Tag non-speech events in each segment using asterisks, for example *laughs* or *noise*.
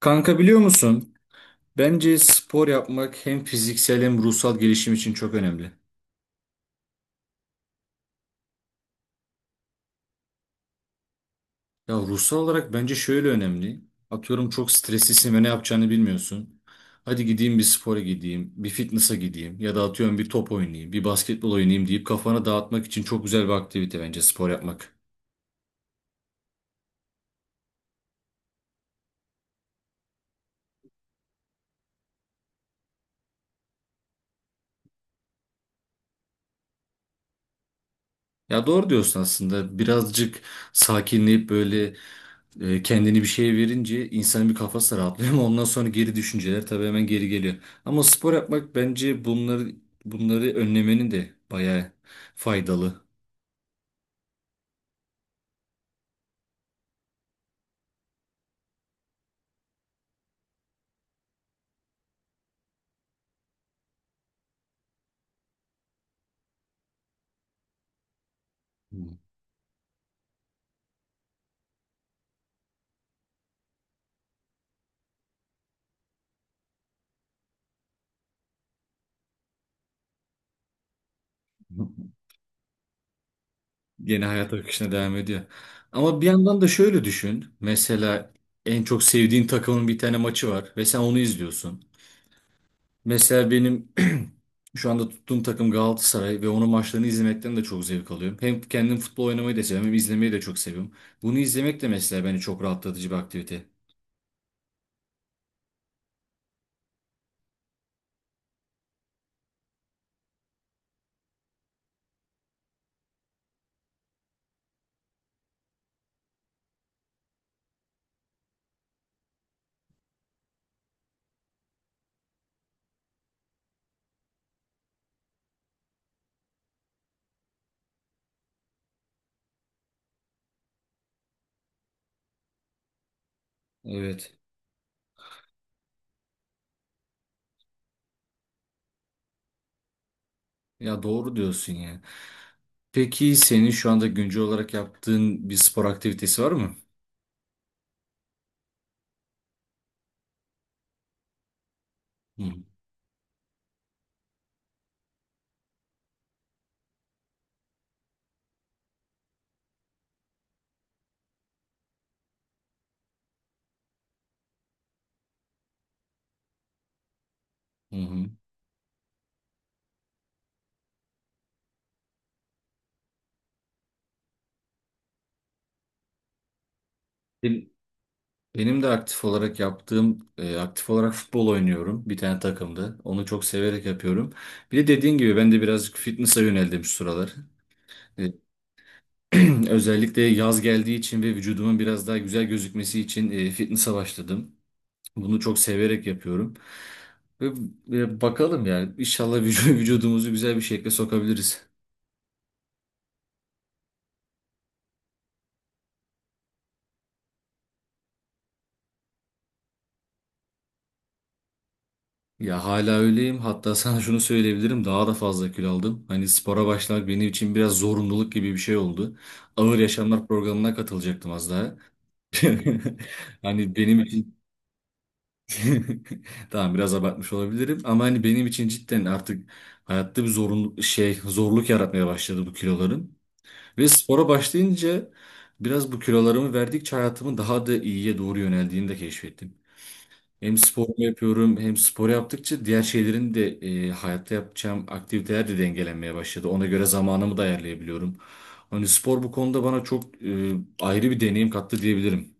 Kanka biliyor musun? Bence spor yapmak hem fiziksel hem ruhsal gelişim için çok önemli. Ya ruhsal olarak bence şöyle önemli. Atıyorum çok streslisin ve ne yapacağını bilmiyorsun. Hadi gideyim bir spora gideyim, bir fitness'a gideyim ya da atıyorum bir top oynayayım, bir basketbol oynayayım deyip kafanı dağıtmak için çok güzel bir aktivite bence spor yapmak. Ya doğru diyorsun aslında. Birazcık sakinleyip böyle kendini bir şeye verince insanın bir kafası da rahatlıyor ama ondan sonra geri düşünceler tabii hemen geri geliyor. Ama spor yapmak bence bunları bunları önlemenin de bayağı faydalı. *laughs* Yeni hayat akışına devam ediyor. Ama bir yandan da şöyle düşün. Mesela en çok sevdiğin takımın bir tane maçı var ve sen onu izliyorsun. Mesela benim *clears throat* şu anda tuttuğum takım Galatasaray ve onun maçlarını izlemekten de çok zevk alıyorum. Hem kendim futbol oynamayı da seviyorum hem izlemeyi de çok seviyorum. Bunu izlemek de mesela bence çok rahatlatıcı bir aktivite. Evet. Ya doğru diyorsun ya. Peki senin şu anda güncel olarak yaptığın bir spor aktivitesi var mı? Hı hı. Hı. Benim benim de aktif olarak yaptığım, aktif olarak futbol oynuyorum bir tane takımda. Onu çok severek yapıyorum. Bir de dediğin gibi ben de birazcık fitness'a yöneldim şu sıralar. E, *clears throat* Özellikle yaz geldiği için ve vücudumun biraz daha güzel gözükmesi için fitness'a başladım. Bunu çok severek yapıyorum. Ve, ve bakalım yani inşallah *laughs* vücudumuzu güzel bir şekilde sokabiliriz. Ya hala öyleyim. Hatta *laughs* sana şunu söyleyebilirim. Daha da fazla kilo aldım. Hani spora başlamak benim için biraz zorunluluk gibi bir şey oldu. Ağır Yaşamlar programına katılacaktım az daha. *laughs* Hani benim için *laughs* tamam biraz abartmış olabilirim ama hani benim için cidden artık hayatta bir zorun şey zorluk yaratmaya başladı bu kilolarım. Ve spora başlayınca biraz bu kilolarımı verdikçe hayatımı daha da iyiye doğru yöneldiğini de keşfettim. Hem sporumu yapıyorum hem spor yaptıkça diğer şeylerin de hayatta yapacağım aktiviteler de dengelenmeye başladı. Ona göre zamanımı da ayarlayabiliyorum. Hani spor bu konuda bana çok ayrı bir deneyim kattı diyebilirim.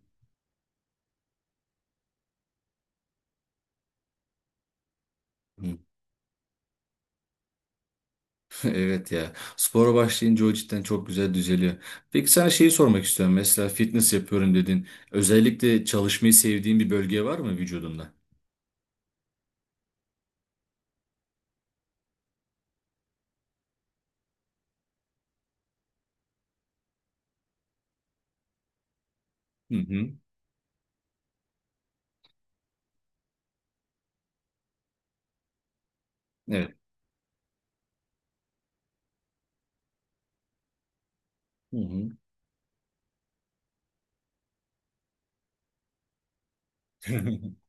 Evet ya. Spora başlayınca o cidden çok güzel düzeliyor. Peki sana şeyi sormak istiyorum. Mesela fitness yapıyorum dedin. Özellikle çalışmayı sevdiğin bir bölge var mı vücudunda? Hı hı. Evet. Hı hı. *laughs*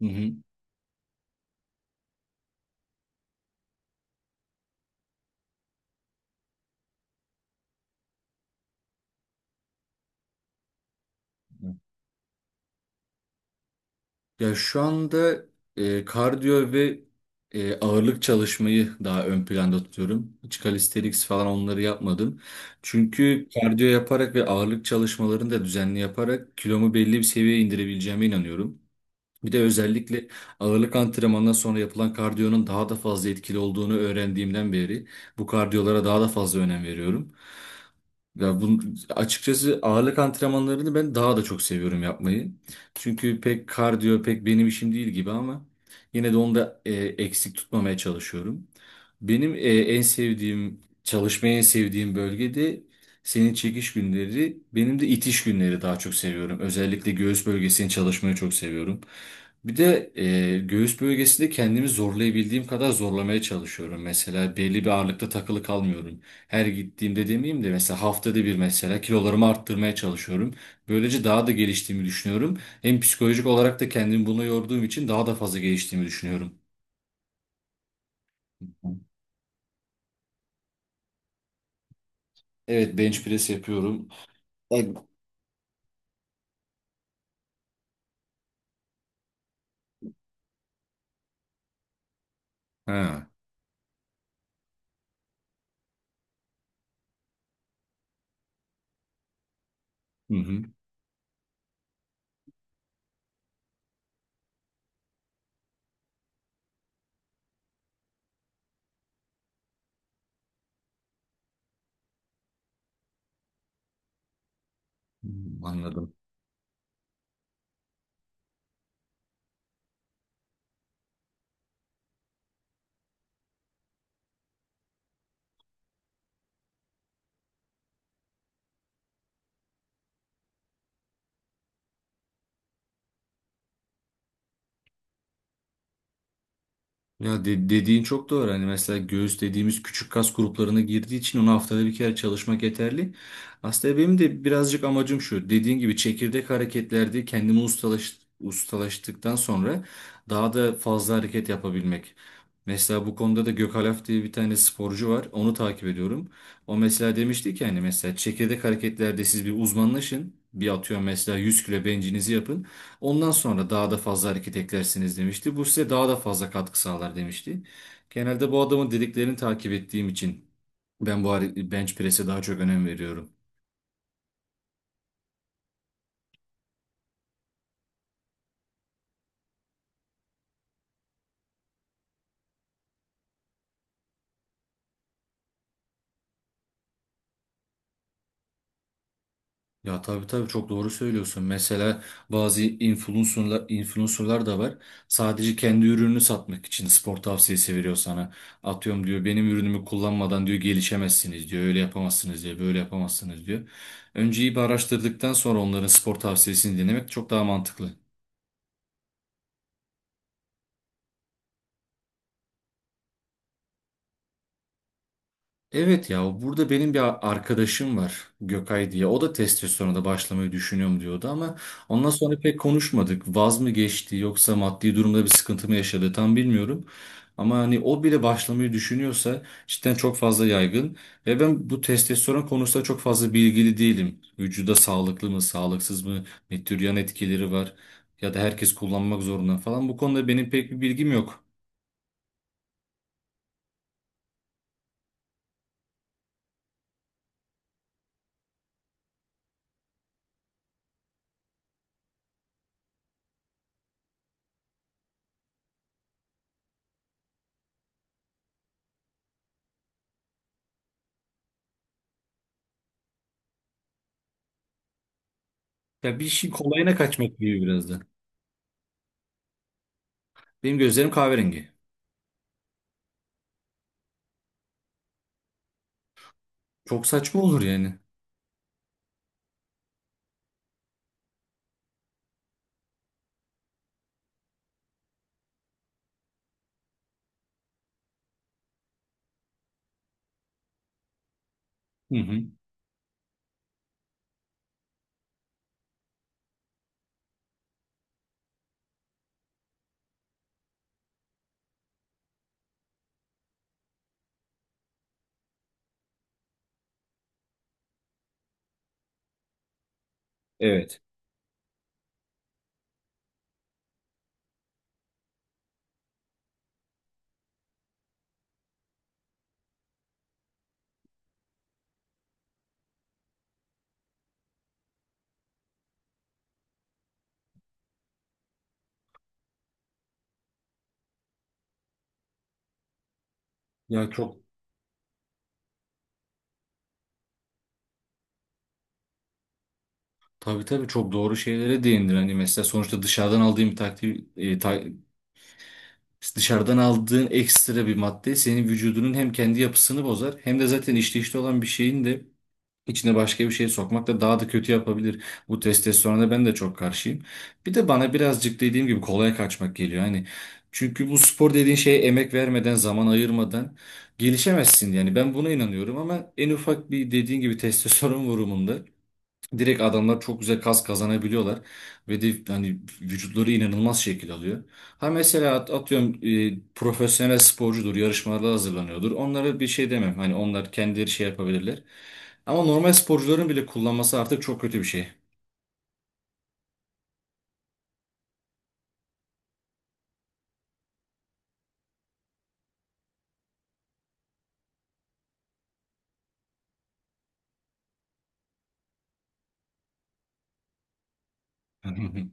Hı hı. Ya şu anda kardiyo ve ağırlık çalışmayı daha ön planda tutuyorum. Hiç calisthenics falan onları yapmadım. Çünkü kardiyo yaparak ve ağırlık çalışmalarını da düzenli yaparak kilomu belli bir seviyeye indirebileceğime inanıyorum. Bir de özellikle ağırlık antrenmanından sonra yapılan kardiyonun daha da fazla etkili olduğunu öğrendiğimden beri bu kardiyolara daha da fazla önem veriyorum. Ya bu, açıkçası ağırlık antrenmanlarını ben daha da çok seviyorum yapmayı. Çünkü pek kardiyo pek benim işim değil gibi ama yine de onu da eksik tutmamaya çalışıyorum. Benim en sevdiğim, çalışmayı en sevdiğim bölgede senin çekiş günleri, benim de itiş günleri daha çok seviyorum. Özellikle göğüs bölgesini çalışmayı çok seviyorum. Bir de göğüs bölgesinde kendimi zorlayabildiğim kadar zorlamaya çalışıyorum. Mesela belli bir ağırlıkta takılı kalmıyorum. Her gittiğimde demeyeyim de mesela haftada bir mesela kilolarımı arttırmaya çalışıyorum. Böylece daha da geliştiğimi düşünüyorum. Hem psikolojik olarak da kendimi buna yorduğum için daha da fazla geliştiğimi düşünüyorum. Evet, bench press yapıyorum. Ha. Hı hı. Hmm, anladım. Ya dediğin çok doğru. Hani mesela göğüs dediğimiz küçük kas gruplarına girdiği için onu haftada bir kere çalışmak yeterli. Aslında benim de birazcık amacım şu. Dediğin gibi çekirdek hareketlerde kendimi ustalaştıktan sonra daha da fazla hareket yapabilmek. Mesela bu konuda da Gökalp diye bir tane sporcu var. Onu takip ediyorum. O mesela demişti ki hani mesela çekirdek hareketlerde siz bir uzmanlaşın. Bir atıyorum mesela 100 kilo bencinizi yapın. Ondan sonra daha da fazla hareket eklersiniz demişti. Bu size daha da fazla katkı sağlar demişti. Genelde bu adamın dediklerini takip ettiğim için ben bu bench press'e daha çok önem veriyorum. Ya tabii tabii çok doğru söylüyorsun. Mesela bazı influencerlar da var. Sadece kendi ürününü satmak için spor tavsiyesi veriyor sana. Atıyorum diyor benim ürünümü kullanmadan diyor gelişemezsiniz diyor. Öyle yapamazsınız diyor. Böyle yapamazsınız diyor. Önce iyi bir araştırdıktan sonra onların spor tavsiyesini dinlemek çok daha mantıklı. Evet ya, burada benim bir arkadaşım var Gökay diye. O da testosterona başlamayı düşünüyorum diyordu ama ondan sonra pek konuşmadık. Vaz mı geçti yoksa maddi durumda bir sıkıntı mı yaşadı tam bilmiyorum. Ama hani o bile başlamayı düşünüyorsa cidden çok fazla yaygın. Ve ben bu testosteron konusunda çok fazla bilgili değilim. Vücuda sağlıklı mı sağlıksız mı ne tür yan etkileri var ya da herkes kullanmak zorunda falan. Bu konuda benim pek bir bilgim yok. Ya bir işin kolayına kaçmak gibi biraz da. Benim gözlerim kahverengi. Çok saçma olur yani. Hı hı. Evet. Ya çok tabii tabii çok doğru şeylere değindir. Hani mesela sonuçta dışarıdan aldığın bir takdir, dışarıdan aldığın ekstra bir madde senin vücudunun hem kendi yapısını bozar hem de zaten işleyişte olan bir şeyin de İçine başka bir şey sokmak da daha da kötü yapabilir. Bu testosterona ben de çok karşıyım. Bir de bana birazcık dediğim gibi kolaya kaçmak geliyor. Hani çünkü bu spor dediğin şeye emek vermeden, zaman ayırmadan gelişemezsin. Yani ben buna inanıyorum ama en ufak bir dediğin gibi *laughs* testosteron vurumunda direkt adamlar çok güzel kas kazanabiliyorlar ve de hani vücutları inanılmaz şekil alıyor. Ha mesela atıyorum profesyonel sporcudur, yarışmalara hazırlanıyordur. Onlara bir şey demem. Hani onlar kendileri şey yapabilirler. Ama normal sporcuların bile kullanması artık çok kötü bir şey. *laughs*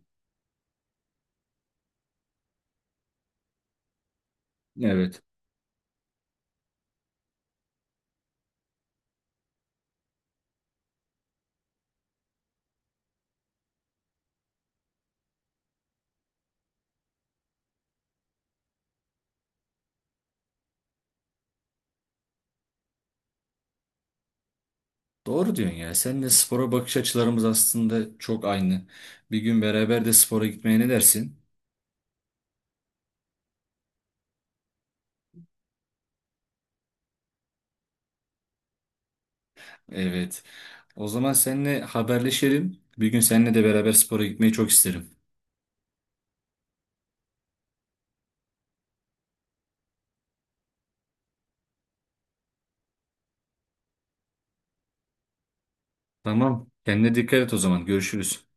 Evet. Doğru diyorsun ya. Seninle spora bakış açılarımız aslında çok aynı. Bir gün beraber de spora gitmeye ne dersin? Evet. O zaman seninle haberleşelim. Bir gün seninle de beraber spora gitmeyi çok isterim. Tamam. Kendine dikkat et o zaman. Görüşürüz.